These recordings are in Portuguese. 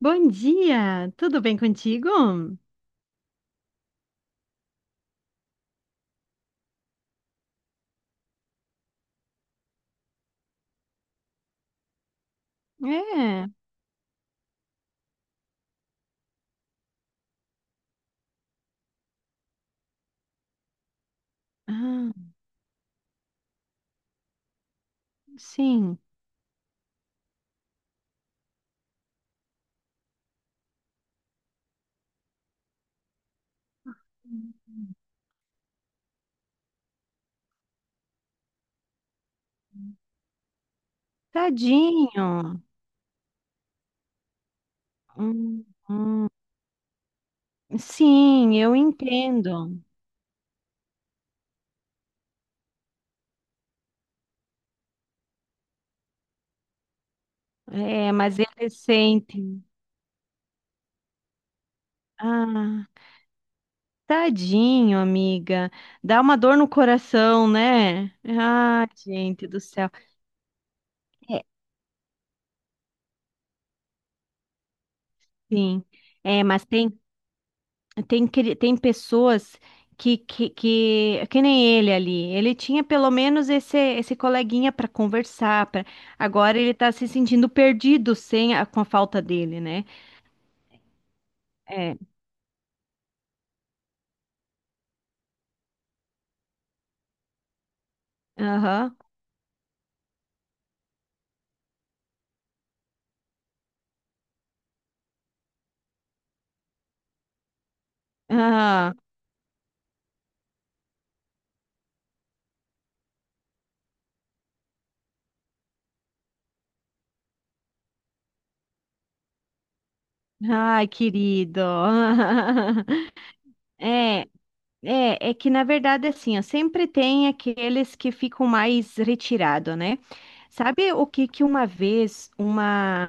Bom dia, tudo bem contigo? É, ah, sim, tadinho. Hum, hum. Sim, eu entendo. É, mas ele sente. Ah, tadinho, amiga. Dá uma dor no coração, né? Ah, gente do céu. É, sim. É, mas tem tem pessoas que nem ele ali. Ele tinha pelo menos esse coleguinha para conversar. Pra... Agora ele tá se sentindo perdido sem a- com a falta dele, né? É. Aham. ah Ai, querido. É. É, é que na verdade assim, ó, sempre tem aqueles que ficam mais retirados, né? Sabe o que que uma vez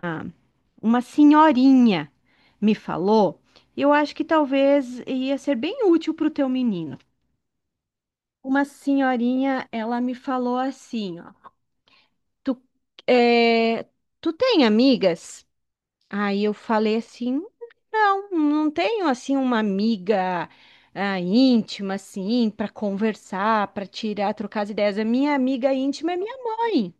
uma senhorinha me falou? Eu acho que talvez ia ser bem útil para o teu menino. Uma senhorinha, ela me falou assim, ó, tu, é, tu tem amigas? Aí eu falei assim, não tenho assim uma amiga íntima assim para conversar, para tirar, trocar as ideias. A minha amiga íntima é minha mãe,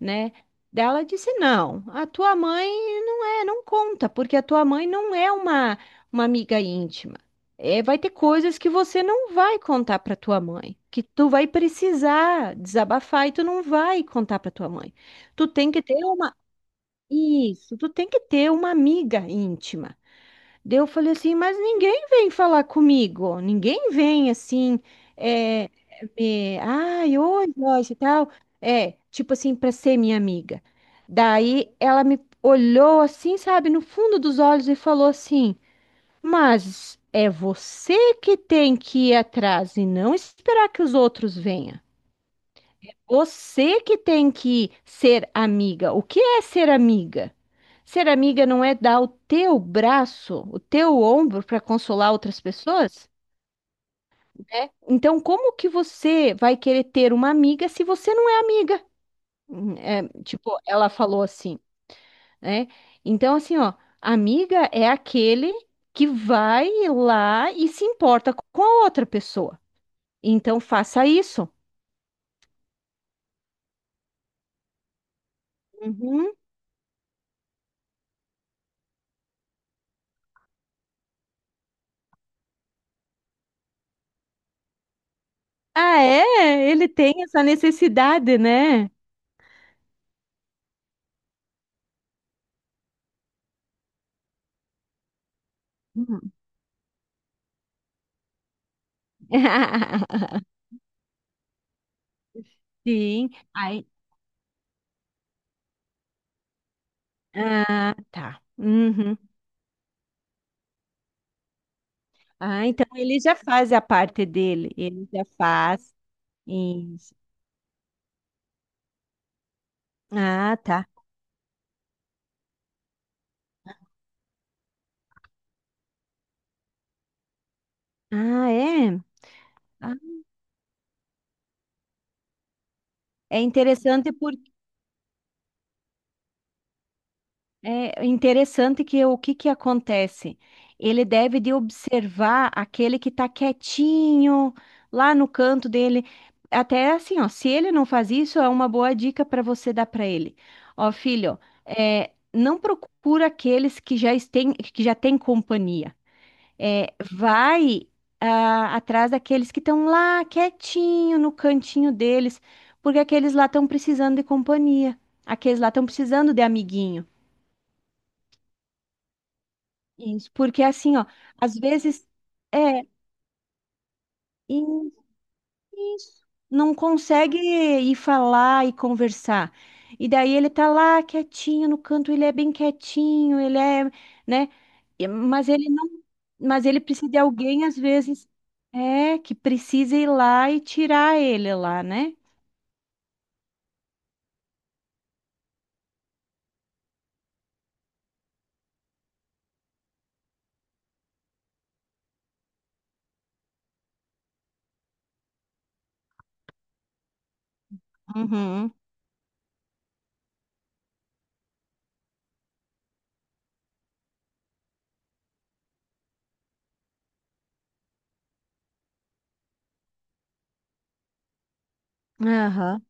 né? Daí ela disse não, a tua mãe não conta, porque a tua mãe não é uma amiga íntima. É, vai ter coisas que você não vai contar para tua mãe, que tu vai precisar desabafar e tu não vai contar para tua mãe. Tu tem que ter isso, tu tem que ter uma amiga íntima. Daí eu falei assim, mas ninguém vem falar comigo, ninguém vem assim, é, me, ai, oi, Joyce e tal. É, tipo assim, para ser minha amiga. Daí ela me olhou assim, sabe, no fundo dos olhos e falou assim, mas é você que tem que ir atrás e não esperar que os outros venham. Você que tem que ser amiga. O que é ser amiga? Ser amiga não é dar o teu braço, o teu ombro para consolar outras pessoas, né? Então, como que você vai querer ter uma amiga se você não é amiga? É, tipo, ela falou assim, né? Então, assim, ó, amiga é aquele que vai lá e se importa com a outra pessoa. Então, faça isso. Uhum. Ah, é? Ele tem essa necessidade, né? Hum. Sim, aí, ah, tá. Uhum. Ah, então ele já faz a parte dele, ele já faz. Isso. Ah, tá. Ah, é. Ah, É interessante por É interessante que o que que acontece? Ele deve de observar aquele que está quietinho lá no canto dele. Até assim, ó, se ele não faz isso, é uma boa dica para você dar para ele. Ó, filho, é, não procura aqueles que já têm companhia. É, vai atrás daqueles que estão lá quietinho no cantinho deles, porque aqueles lá estão precisando de companhia. Aqueles lá estão precisando de amiguinho. Isso, porque assim, ó, às vezes é e- isso, não consegue ir falar e conversar. E daí ele tá lá quietinho no canto, ele é bem quietinho, né? Mas ele não, mas ele precisa de alguém às vezes que precisa ir lá e tirar ele lá, né? Uhum. Aham.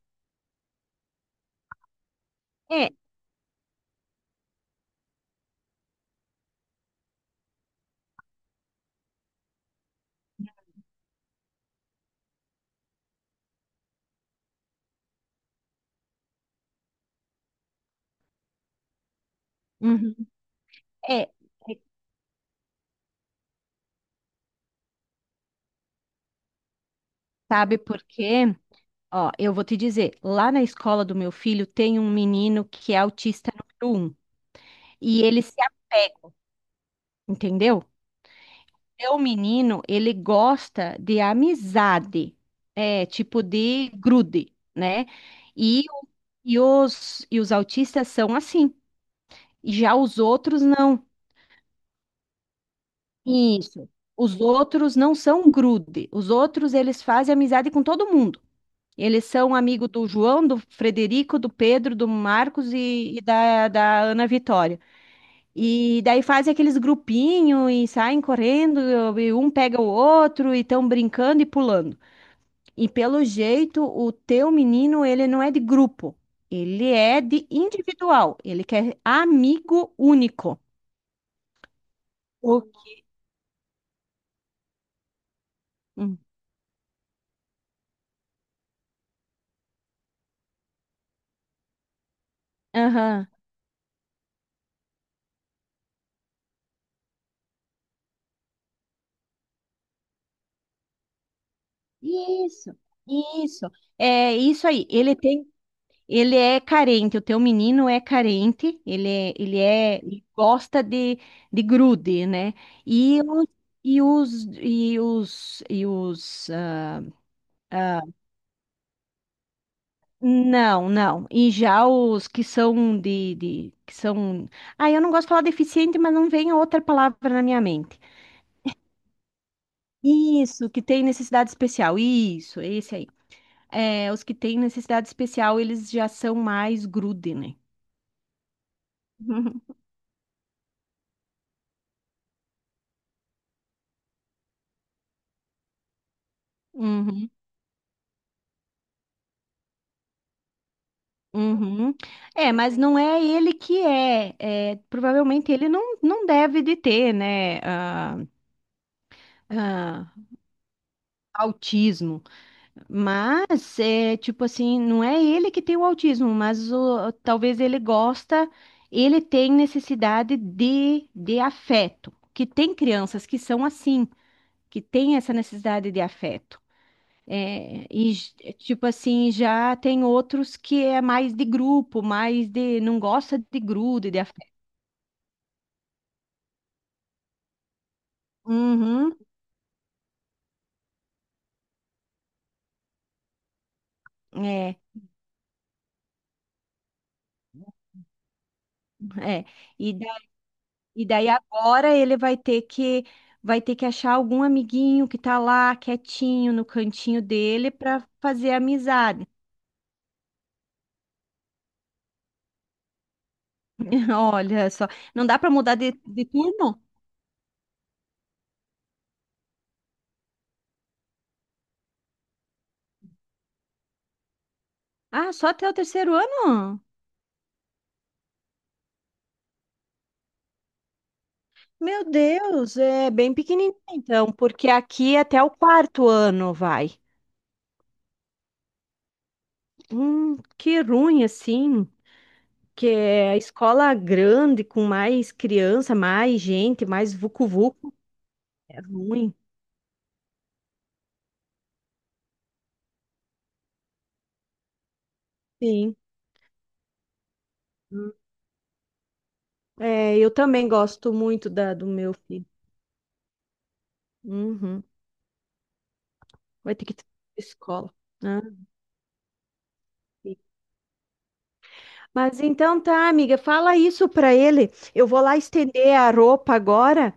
É, uhum. É, é, sabe por quê? Ó, eu vou te dizer, lá na escola do meu filho tem um menino que é autista número um e ele se apega, entendeu? Meu menino, ele gosta de amizade, é, tipo de grude, né? E, o- e os autistas são assim, já os outros não. Isso. Os outros não são grude, os outros eles fazem amizade com todo mundo. Eles são amigo do João, do Frederico, do Pedro, do Marcos e da Ana Vitória. E daí fazem aqueles grupinhos e saem correndo, e um pega o outro e estão brincando e pulando. E pelo jeito, o teu menino, ele não é de grupo, ele é de individual, ele quer amigo único. O- Hum. Aham. Isso, isso. É isso aí. Ele tem Ele é carente, o teu menino é carente, ele gosta de grude, né? E os, e os, e os, e os, ah, ah, não, não. E já os que são que são, ah, eu não gosto de falar deficiente, mas não vem outra palavra na minha mente. Isso, que tem necessidade especial, isso, esse aí. É, os que têm necessidade especial, eles já são mais grude, né? Uhum. Uhum. É, mas não é ele que é. É, provavelmente ele não, não deve de ter, né, ah, autismo. Mas, é, tipo assim, não é ele que tem o autismo, mas o, talvez ele gosta, ele tem necessidade de afeto. Que tem crianças que são assim, que têm essa necessidade de afeto. É, tipo assim, já tem outros que é mais de grupo, mais de não gosta de grude, de Uhum, é, é. E, da- e daí agora ele vai ter que achar algum amiguinho que tá lá quietinho no cantinho dele para fazer amizade. Olha só, não dá para mudar de turno? Ah, só até o terceiro ano? Meu Deus, é bem pequenininho então, porque aqui é até o quarto ano vai. Que ruim assim. Que é a escola grande, com mais criança, mais gente, mais vucu-vucu, é ruim. Sim. Hum. É, eu também gosto muito do meu filho. Uhum. Vai ter que ter escola. Né? Mas então tá, amiga, fala isso pra ele. Eu vou lá estender a roupa agora,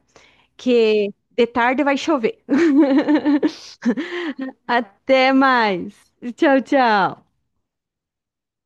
que de tarde vai chover. Até mais. Tchau, tchau.